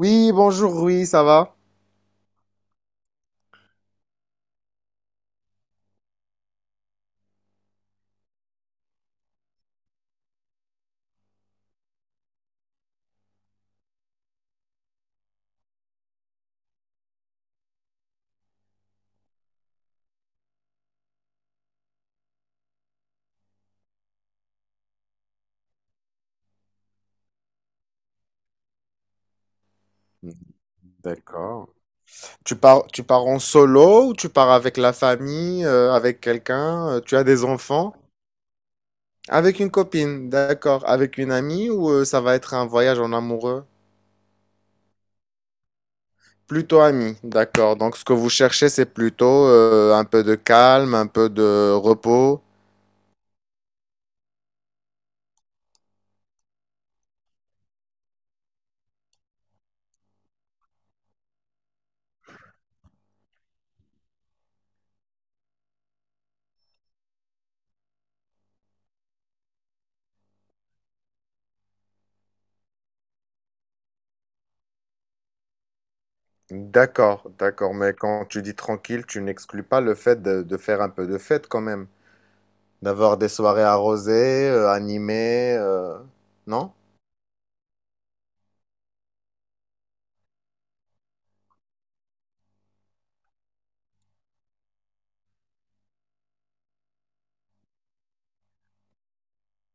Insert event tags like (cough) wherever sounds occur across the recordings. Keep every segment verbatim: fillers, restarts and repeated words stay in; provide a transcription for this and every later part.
Oui, bonjour, oui, ça va? Mm, D'accord. Tu pars, tu pars en solo ou tu pars avec la famille, euh, avec quelqu'un? euh, Tu as des enfants? Avec une copine, d'accord. Avec une amie ou euh, ça va être un voyage en amoureux? Plutôt ami, d'accord. Donc ce que vous cherchez, c'est plutôt euh, un peu de calme, un peu de repos. D'accord, d'accord. Mais quand tu dis tranquille, tu n'exclus pas le fait de, de faire un peu de fête quand même. D'avoir des soirées arrosées, euh, animées, euh, non?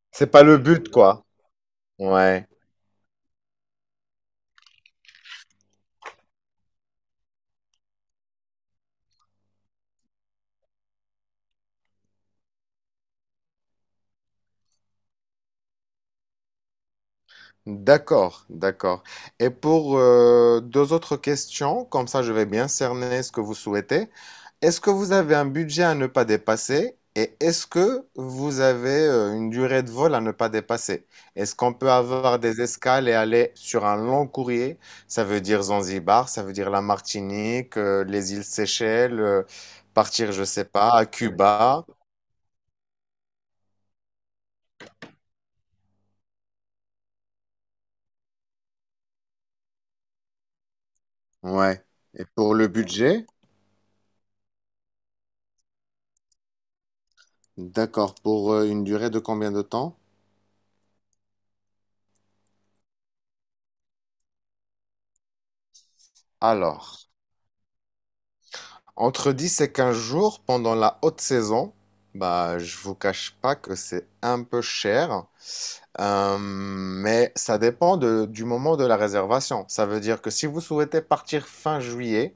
C'est pas le but, quoi. Ouais. D'accord, d'accord. Et pour euh, deux autres questions, comme ça je vais bien cerner ce que vous souhaitez. Est-ce que vous avez un budget à ne pas dépasser? Et est-ce que vous avez euh, une durée de vol à ne pas dépasser? Est-ce qu'on peut avoir des escales et aller sur un long courrier? Ça veut dire Zanzibar, ça veut dire la Martinique, euh, les îles Seychelles, euh, partir, je sais pas, à Cuba. Ouais. Et pour le budget? D'accord. Pour euh, une durée de combien de temps? Alors, entre dix et quinze jours pendant la haute saison, bah, je vous cache pas que c'est un peu cher. Euh, mais ça dépend de- du moment de la réservation. Ça veut dire que si vous souhaitez partir fin juillet,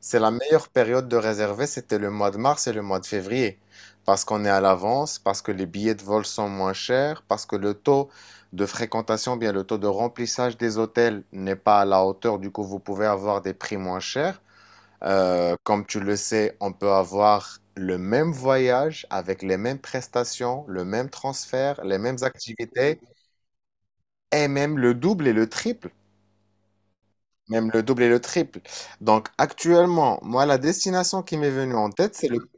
c'est la meilleure période de réserver, c'était le mois de mars et le mois de février, parce qu'on est à l'avance, parce que les billets de vol sont moins chers, parce que le taux de fréquentation, bien le taux de remplissage des hôtels n'est pas à la hauteur, du coup vous pouvez avoir des prix moins chers. Euh, comme tu le sais, on peut avoir le même voyage avec les mêmes prestations, le même transfert, les mêmes activités, et même le double et le triple. Même le double et le triple. Donc actuellement, moi, la destination qui m'est venue en tête, c'est le…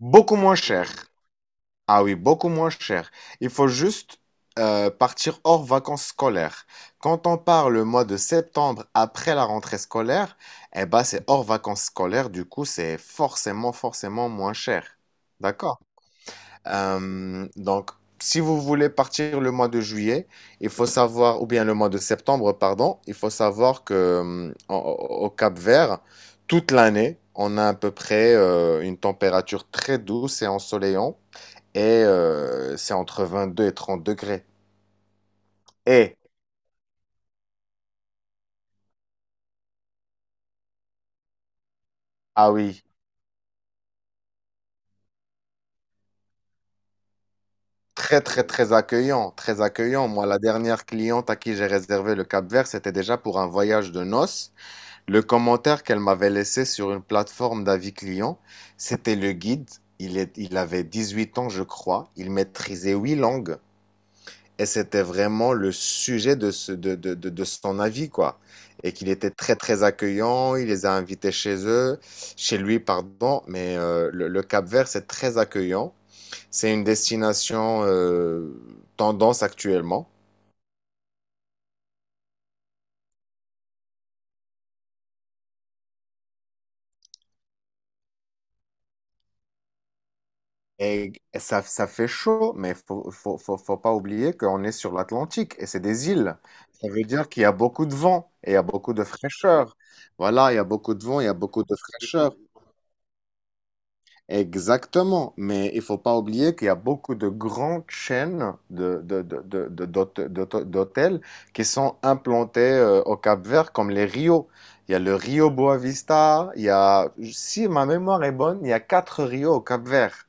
Beaucoup moins cher. Ah oui, beaucoup moins cher. Il faut juste euh, partir hors vacances scolaires. Quand on part le mois de septembre après la rentrée scolaire, eh ben c'est hors vacances scolaires, du coup c'est forcément, forcément moins cher. D'accord? Euh, donc, si vous voulez partir le mois de juillet, il faut savoir, ou bien le mois de septembre, pardon, il faut savoir que euh, au Cap Vert, toute l'année, on a à peu près euh, une température très douce et ensoleillante, et euh, c'est entre vingt-deux et trente degrés. Et, ah oui, très très très accueillant, très accueillant. Moi, la dernière cliente à qui j'ai réservé le Cap Vert, c'était déjà pour un voyage de noces. Le commentaire qu'elle m'avait laissé sur une plateforme d'avis client, c'était le guide. Il est, il avait dix-huit ans, je crois. Il maîtrisait huit langues. Et c'était vraiment le sujet de, ce- de, de, de, de son avis, quoi. Et qu'il était très, très accueillant. Il les a invités chez eux, chez lui, pardon. Mais euh, le, le Cap-Vert, c'est très accueillant. C'est une destination euh, tendance actuellement. Et ça, ça fait chaud, mais faut, faut, faut, faut pas oublier qu'on est sur l'Atlantique et c'est des îles. Ça veut dire qu'il y a beaucoup de vent et il y a beaucoup de fraîcheur. Voilà, il y a beaucoup de vent, il y a beaucoup de fraîcheur. Exactement. Mais il faut pas oublier qu'il y a beaucoup de grandes chaînes de, de, de, de- de- d'hôte- d'hôte- d'hôtels qui sont implantées euh, au Cap-Vert, comme les Rios. Il y a le Rio Boavista, il y a, si ma mémoire est bonne, il y a quatre Rios au Cap-Vert.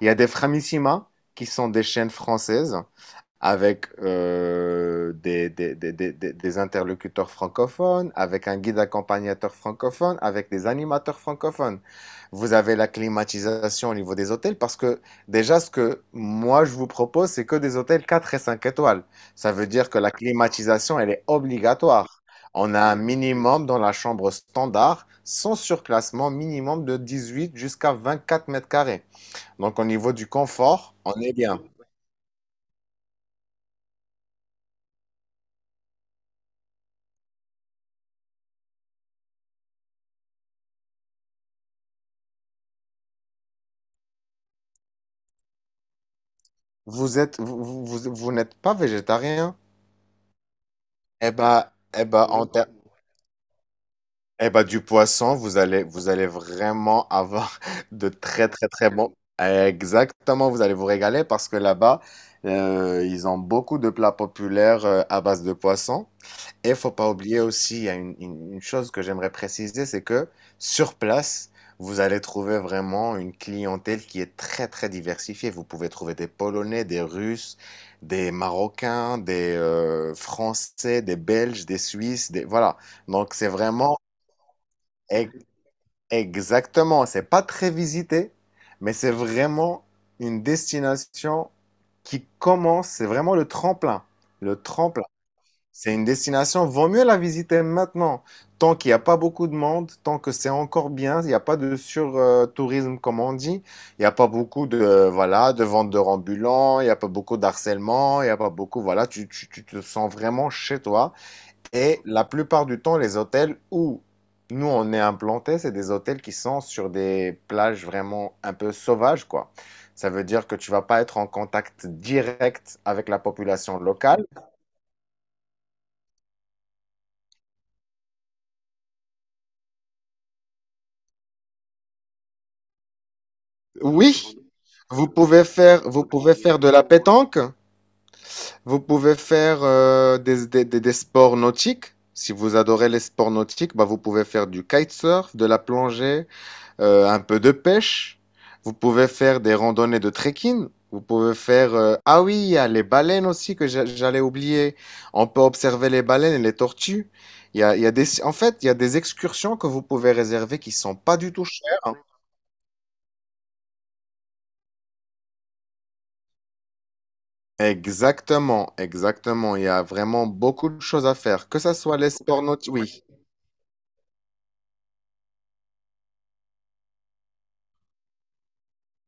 Il y a des Framissima qui sont des chaînes françaises avec euh, des, des, des, des- des- des interlocuteurs francophones, avec un guide accompagnateur francophone, avec des animateurs francophones. Vous avez la climatisation au niveau des hôtels parce que déjà ce que moi je vous propose, c'est que des hôtels quatre et cinq étoiles. Ça veut dire que la climatisation, elle est obligatoire. On a un minimum dans la chambre standard, sans surclassement, minimum de dix-huit jusqu'à vingt-quatre mètres carrés. Donc, au niveau du confort, on est bien. Vous êtes, vous, vous, vous- vous n'êtes pas végétarien. Eh ben, eh ben, en ter- eh ben, du poisson, vous allez, vous allez vraiment avoir (laughs) de très, très, très bons. Exactement, vous allez vous régaler parce que là-bas, euh, ils ont beaucoup de plats populaires euh, à base de poisson. Et faut pas oublier aussi, il y a une, une- une chose que j'aimerais préciser, c'est que sur place, vous allez trouver vraiment une clientèle qui est très, très diversifiée. Vous pouvez trouver des Polonais, des Russes, des Marocains, des euh, Français, des Belges, des Suisses, des… Voilà. Donc c'est vraiment e- Exactement, c'est pas très visité, mais c'est vraiment une destination qui commence, c'est vraiment le tremplin, le tremplin. C'est une destination, vaut mieux la visiter maintenant. Tant qu'il n'y a pas beaucoup de monde, tant que c'est encore bien, il n'y a pas de sur-tourisme comme on dit, il n'y a pas beaucoup de, euh, voilà, de vendeurs ambulants, il n'y a pas beaucoup d'harcèlement, il n'y a pas beaucoup, voilà, tu, tu- tu te sens vraiment chez toi. Et la plupart du temps, les hôtels où nous on est implantés, c'est des hôtels qui sont sur des plages vraiment un peu sauvages, quoi. Ça veut dire que tu vas pas être en contact direct avec la population locale. Oui, vous pouvez faire, vous pouvez faire de la pétanque, vous pouvez faire euh, des, des- des- des sports nautiques. Si vous adorez les sports nautiques, bah, vous pouvez faire du kitesurf, de la plongée, euh, un peu de pêche. Vous pouvez faire des randonnées de trekking. Vous pouvez faire… euh, Ah oui, il y a les baleines aussi que j'a- j'allais oublier. On peut observer les baleines et les tortues. Il y a, il y a des… En fait, il y a des excursions que vous pouvez réserver qui sont pas du tout chères. Exactement, exactement. Il y a vraiment beaucoup de choses à faire, que ce soit les sports nautiques. Oui.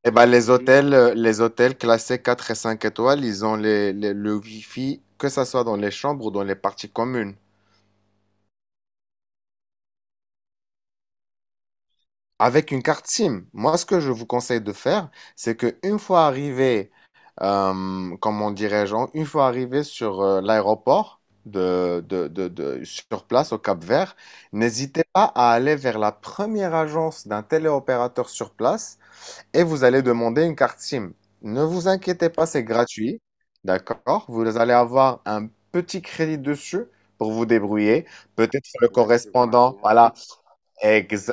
Eh ben, les hôtels, euh, les hôtels classés quatre et cinq étoiles, ils ont les, les- le Wi-Fi, que ce soit dans les chambres ou dans les parties communes, avec une carte SIM. Moi, ce que je vous conseille de faire, c'est que une fois arrivé, euh, comment dirais-je, une fois arrivé sur euh, l'aéroport de, de, de, de- sur place au Cap-Vert, n'hésitez pas à aller vers la première agence d'un téléopérateur sur place et vous allez demander une carte SIM. Ne vous inquiétez pas, c'est gratuit. D'accord? Vous allez avoir un petit crédit dessus pour vous débrouiller. Peut-être le correspondant. Voilà. Ex-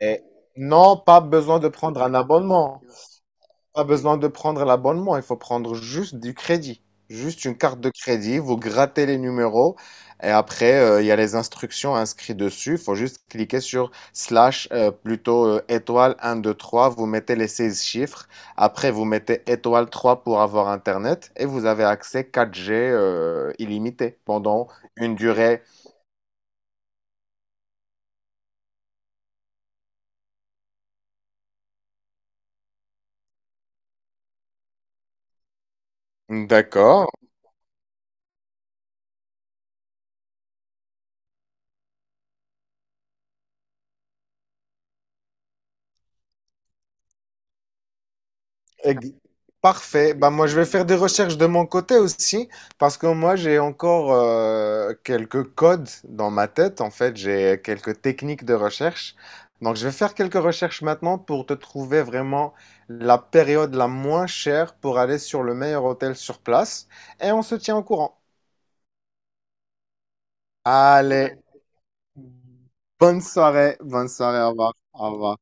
et non, pas besoin de prendre un abonnement. Pas besoin de prendre l'abonnement, il faut prendre juste du crédit. Juste une carte de crédit, vous grattez les numéros et après, euh, il y a les instructions inscrites dessus. Il faut juste cliquer sur slash, euh, plutôt euh, étoile un deux trois. Vous mettez les seize chiffres. Après, vous mettez étoile trois pour avoir Internet et vous avez accès quatre g euh, illimité pendant une durée. D'accord. Ex- Parfait. Bah, moi, je vais faire des recherches de mon côté aussi, parce que moi, j'ai encore euh, quelques codes dans ma tête. En fait, j'ai quelques techniques de recherche. Donc, je vais faire quelques recherches maintenant pour te trouver vraiment la période la moins chère pour aller sur le meilleur hôtel sur place. Et on se tient au courant. Allez, bonne soirée. Bonne soirée. Au revoir. Au revoir.